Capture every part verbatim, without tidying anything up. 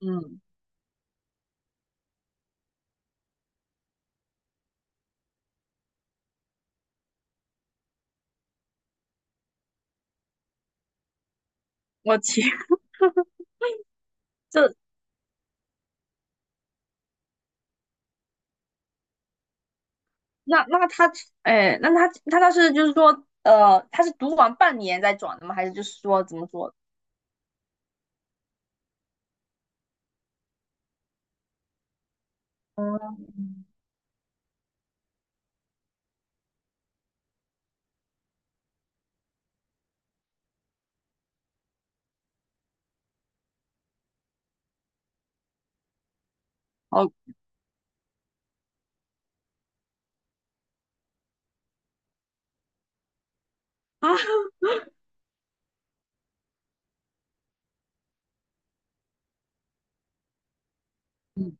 嗯，我天，这那那他，哎，那他他他是就是说，呃，他是读完半年再转的吗？还是就是说怎么说？嗯，哦，啊，嗯，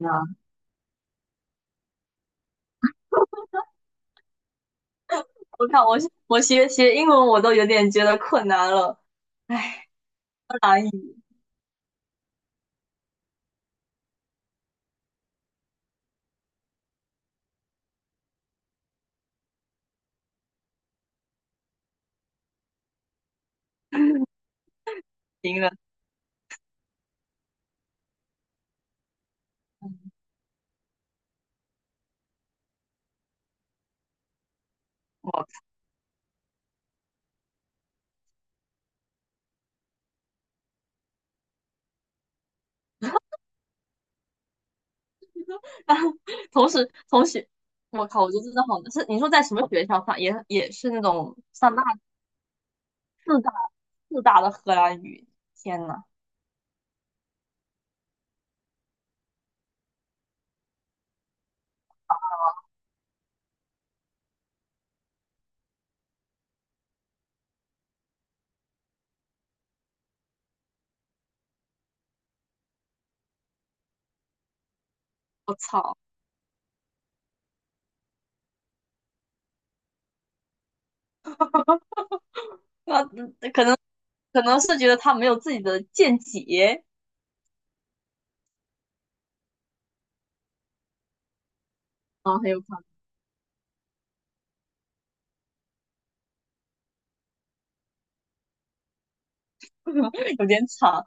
怎么我看我我学学英文我都有点觉得困难了，唉，难以行了。我 同时同时，我靠，我觉得真的好难。是你说在什么学校上？也也是那种上大四大的荷兰语？天呐，我操！那可能可能是觉得他没有自己的见解啊，很有可能。 有点长。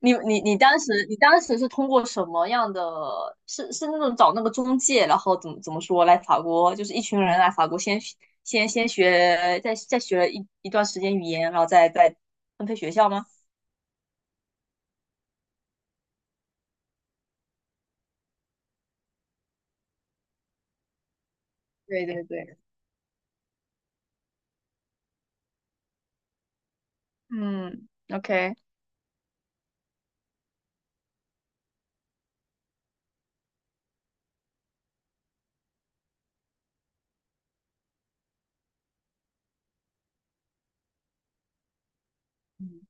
你你你当时你当时是通过什么样的？是是那种找那个中介，然后怎么怎么说来法国，就是一群人来法国先学先先学，再再学了一一段时间语言，然后再再分配学校吗？对对对，嗯，OK，嗯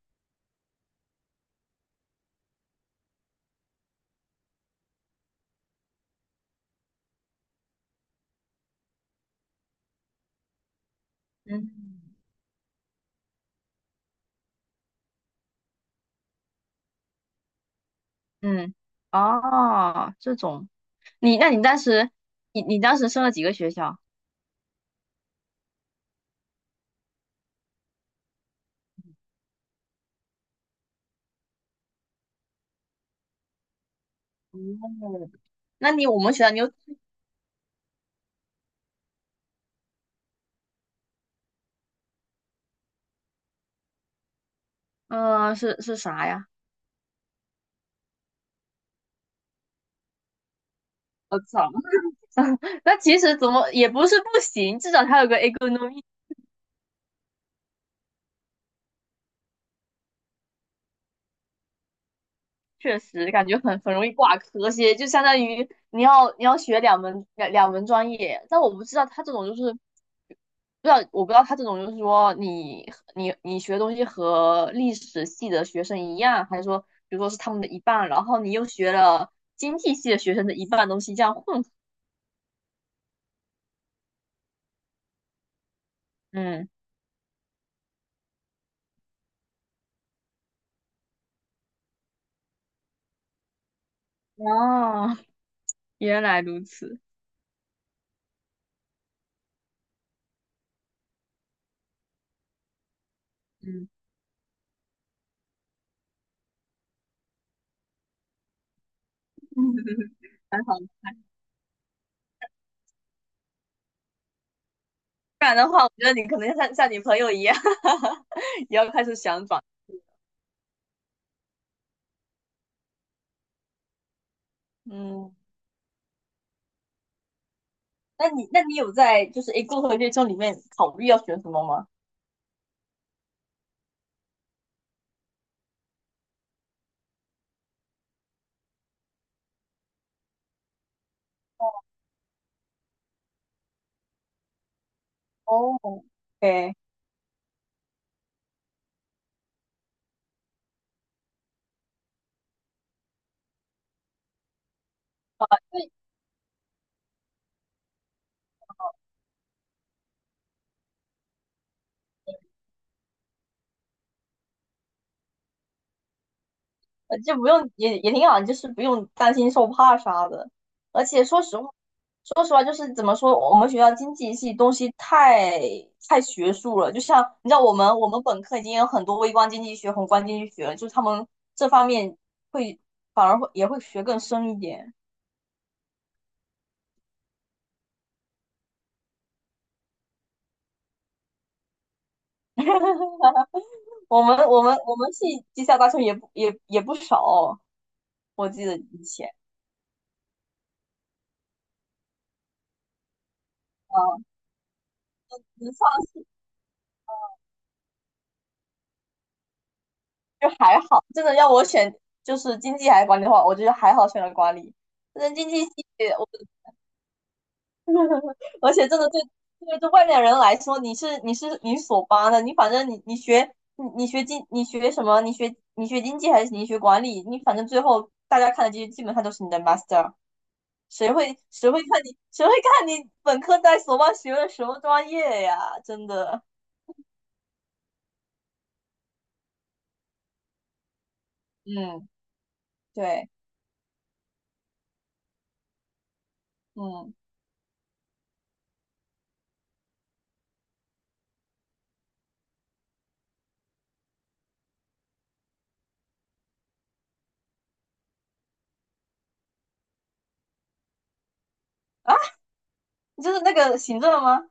嗯嗯，哦，这种。你那你当时，你你当时升了几个学校？哦，那你我们学校你有嗯，是是啥呀？我操，那其实怎么也不是不行，至少它有个 economy。确实感觉很很容易挂科些，就相当于你要你要学两门两两门专业，但我不知道他这种就是，不知道我不知道他这种就是说你你你学东西和历史系的学生一样，还是说比如说是他们的一半，然后你又学了经济系的学生的一半东西这样混合。嗯，哦，原来如此。嗯，还好。不然的话，我觉得你可能像像你朋友一样，也要开始想转。嗯，那你那你有在就是 A 共和月中里面考虑要选什么吗？哦，对，对呃就不用也也挺好，就是不用担心受怕啥的。而且说实话，说实话就是怎么说，我们学校经济系东西太太学术了，就像你知道我们我们本科已经有很多微观经济学、宏观经济学了，就是他们这方面会反而会也会学更深一点。我们我们我们系地下大学也不也也不少，我记得以前，啊，文上就还好。真的要我选就是经济还是管理的话，我觉得还好选了管理。但是经济系我，而且真的对对对外面人来说，你是你是你是所八的，你反正你你学你你学经你学什么，你学你学经济还是你学管理，你反正最后大家看的基基本上都是你的 master。谁会谁会看你谁会看你本科在所望学的什么专业呀？真的，嗯，对，嗯，就是那个行政吗？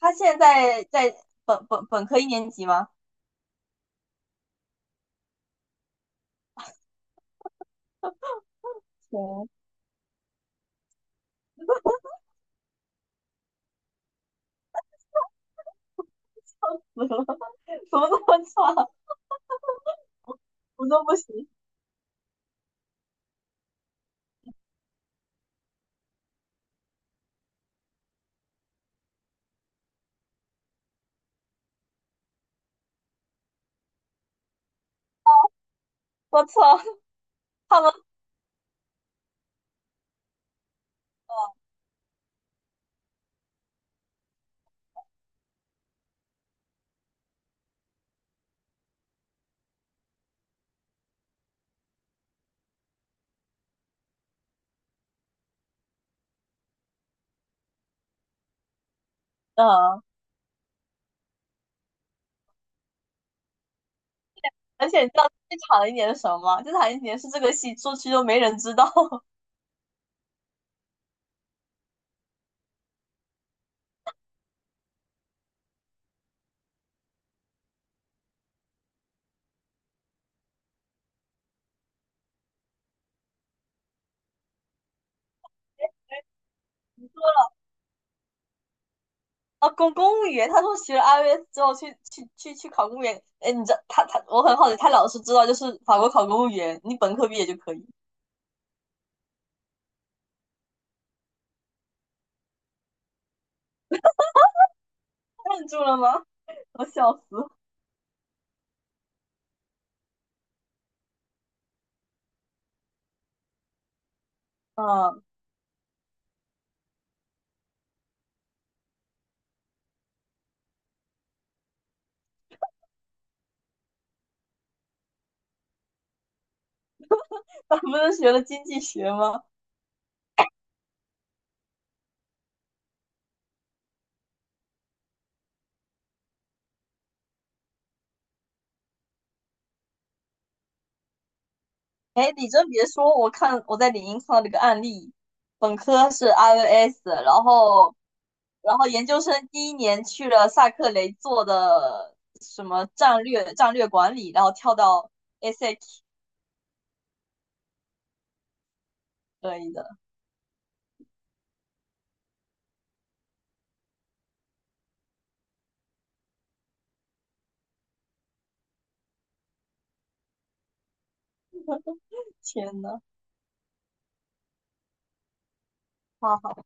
他现在在在本本本科一年级吗？对，怎么 怎么这么差？我都不行，我操！他们，嗯，而且你知道最惨的一年是什么吗？最惨的一年是这个系出去都没人知道。啊，公公务员，他说学了 i e L T s 之后去去去去考公务员。哎，你知道他他我很好奇，他老是知道就是法国考公务员，你本科毕业就可以。愣住了吗？我笑死。嗯，他不是学了经济学吗？哎，你真别说，我看我在领英看到这个案例，本科是 i e L T s 然后然后研究生第一年去了萨克雷做的什么战略战略管理，然后跳到 s a c 可以的。天呐！啊，